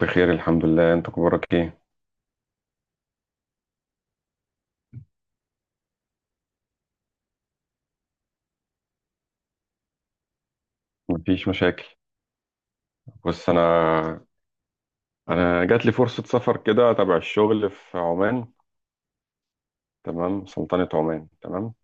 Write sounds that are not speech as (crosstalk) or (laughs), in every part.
بخير الحمد لله. انت اخبارك ايه؟ مفيش مشاكل. بص انا جات لي فرصه سفر كده تبع الشغل في عمان. تمام، سلطنه عمان، تمام.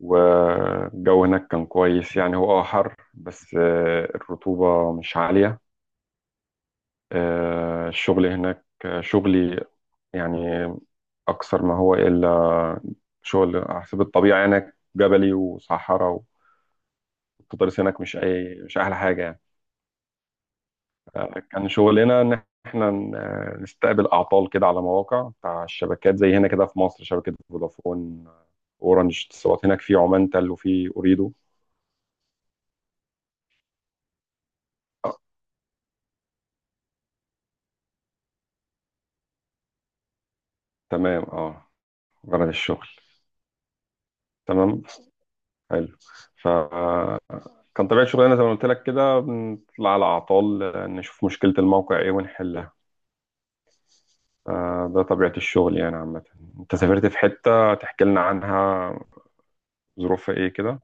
والجو هناك كان كويس، يعني هو حر بس الرطوبه مش عاليه. الشغل هناك، شغلي يعني اكثر ما هو الا شغل على حسب الطبيعه هناك، جبلي وصحراء. والتضاريس هناك مش مش احلى حاجه يعني. كان شغلنا ان احنا نستقبل اعطال كده على مواقع بتاع الشبكات، زي هنا كده في مصر شبكه فودافون، اورنج، اتصالات، هناك في عمان تل وفي اوريدو. آه، تمام، اه، غرض الشغل. تمام، حلو. فكان طبيعه شغلنا زي ما قلت لك كده، بنطلع على اعطال، نشوف مشكله الموقع ايه ونحلها. ده طبيعه الشغل يعني عامه. انت سافرت في حته تحكي لنا عنها؟ ظروفها ايه كده؟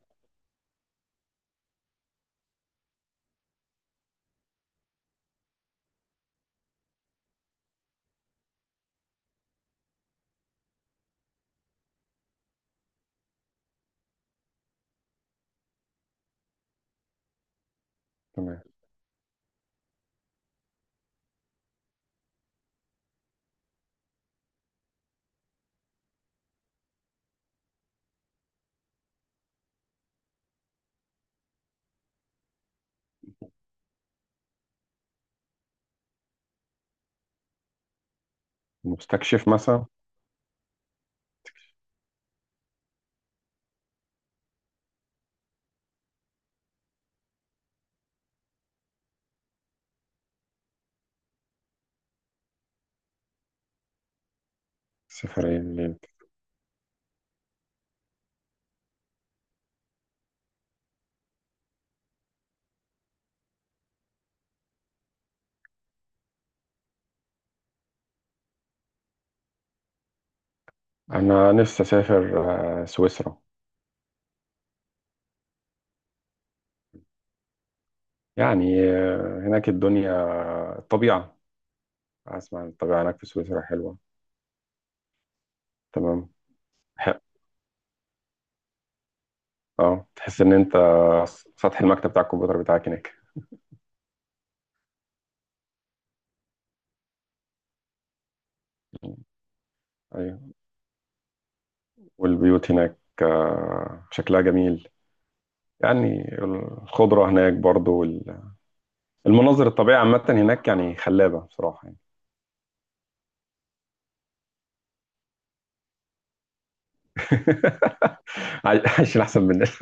تمام. مستكشف مثلا. سفرية. أنا نفسي أسافر سويسرا. يعني هناك الدنيا، الطبيعة. أسمع إن الطبيعة هناك في سويسرا حلوة. تمام. ح- اه، تحس إن أنت سطح المكتب بتاع الكمبيوتر بتاعك هناك. أيوة. والبيوت هناك شكلها جميل يعني. الخضرة هناك برضو وال- المناظر الطبيعية عامة هناك يعني خلابة بصراحة يعني. (laughs) عايشين أحسن مننا. (laughs)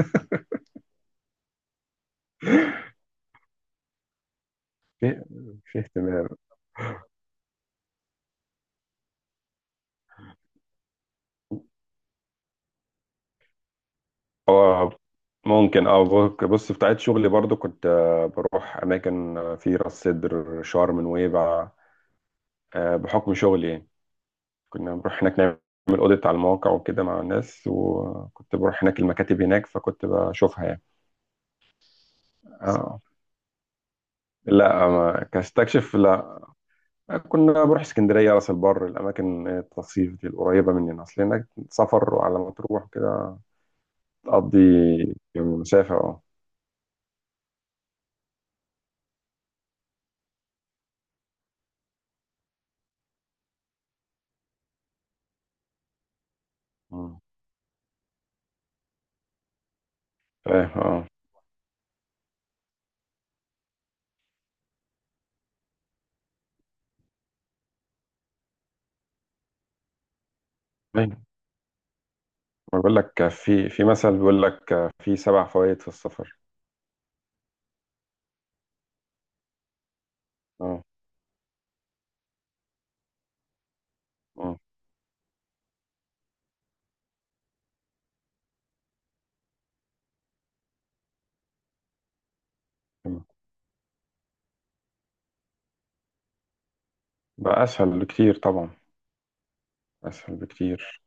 في في اهتمام. اه، ممكن. اه، بص بص، في بتاعت شغلي برضو كنت بروح اماكن في راس سدر، شرم، نويبع، بحكم شغلي يعني. كنا بنروح هناك نعمل اوديت على المواقع وكده مع الناس، وكنت بروح هناك المكاتب هناك فكنت بشوفها يعني. اه، لا، ما كاستكشف لا. كنا بروح اسكندريه، راس البر، الاماكن التصيف دي القريبه مننا، اصل هناك سفر على ما تروح كده تقضي يوم مسافه، اه. مم. فاهم. اه، ما بقول لك في في مثل بيقول لك في 7 فوائد في السفر. اه. اه. تمام. بقى اسهل بكتير طبعا. اسهل بكتير.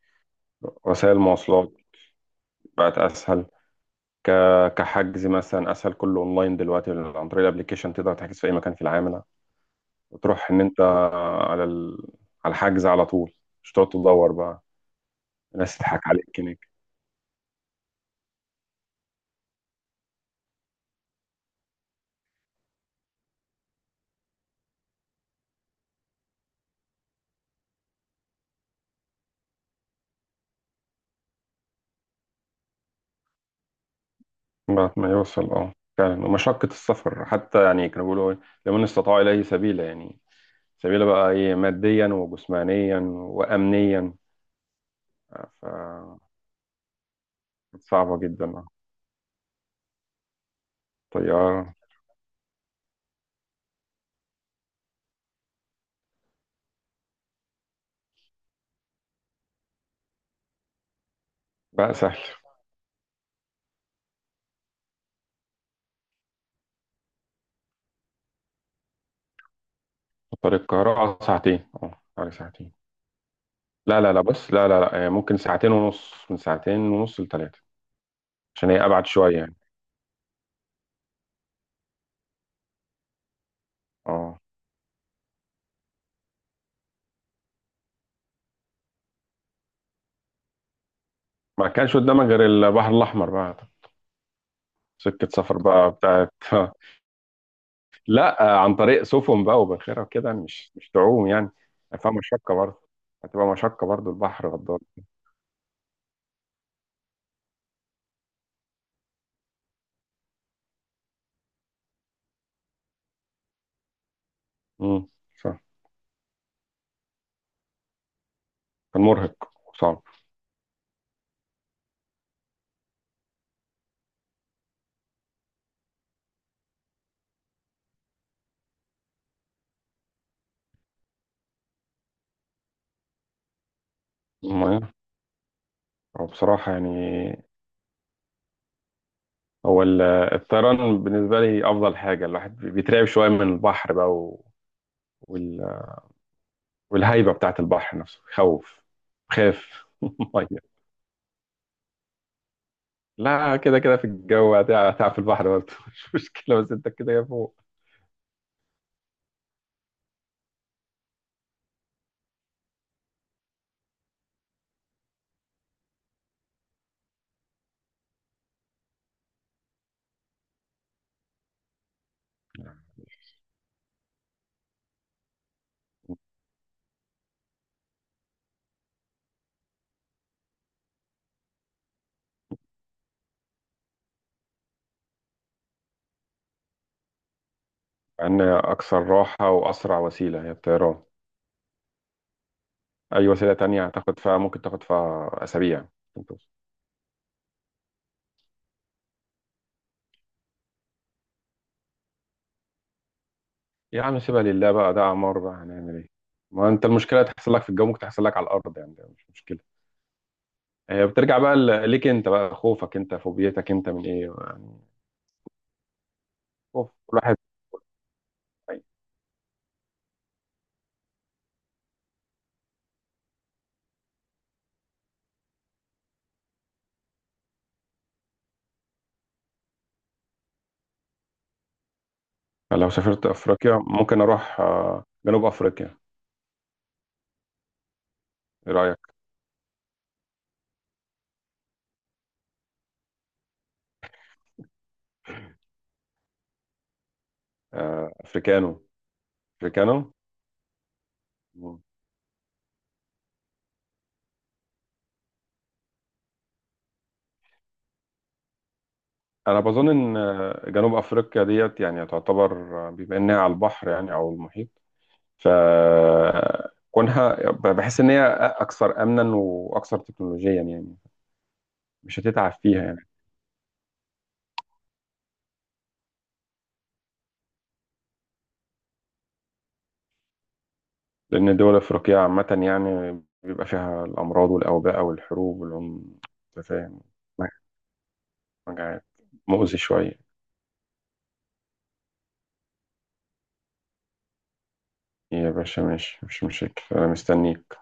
وسائل المواصلات بقت اسهل. ك... كحجز مثلا اسهل، كله اونلاين دلوقتي عن طريق الابليكيشن تقدر تحجز في اي مكان في العالم، لا. وتروح ان انت على ال... على الحجز على طول، مش تقعد تدور بقى. الناس تضحك عليك هناك. بعد ما يوصل، اه فعلا. ومشقة السفر حتى يعني كانوا بيقولوا إيه، لمن استطاع إليه سبيلا يعني. سبيلة بقى ايه؟ ماديا وجسمانيا وأمنيا. ف صعبة جدا طيارة. بقى سهل. طريق القاهرة اه 2 ساعة، اه، حوالي 2 ساعة. لا بص، لا ممكن 2:30، من 2:30 لـ3، عشان هي أبعد شوية يعني. اه، ما كانش قدامك غير البحر الأحمر بقى. سكة سفر بقى بتاعت (laughs) لا عن طريق سفن بقى وباخرة وكده، مش تعوم يعني. فيها مشقة برضه، هتبقى مشقة برضه، البحر غدار. امم، صح. كان مرهق وصعب. ما- هو بصراحة يعني هو ال- الطيران بالنسبة لي أفضل حاجة. الواحد بيترعب شوية من البحر بقى و- وال- والهيبة بتاعة البحر نفسه بيخوف. خاف (laughs) مية. لا، كده كده في الجو هتعب في البحر برضه (laughs) مش مشكلة بس أنت كده يا فوق. إن أكثر راحة وأسرع وسيلة هي الطيران. أي وسيلة تانية هتاخد فيها ممكن تاخد فيها أسابيع عشان توصل. يا عم سيبها لله بقى، ده أعمار، بقى هنعمل إيه؟ ما أنت المشكلة تحصل لك في الجو ممكن تحصل لك على الأرض يعني، ده مش مشكلة. هي بترجع بقى ليك انت، بقى خوفك انت، فوبيتك انت من ايه يعني؟ خوف كل واحد. لو سافرت افريقيا ممكن اروح جنوب افريقيا. ايه رايك؟ افريكانو، افريكانو. مم. انا بظن ان جنوب افريقيا ديت يعني تعتبر، بما انها على البحر يعني او المحيط، ف كونها بحس ان هي اكثر امنا واكثر تكنولوجيا يعني، مش هتتعب فيها. لأن الدول الأفريقية عامة يعني بيبقى فيها الأمراض والأوباء والحروب والعم، أنت فاهم، مجاعات، مؤذي شوية. يا باشا ماشي، مش مشاكل، أنا مستنيك.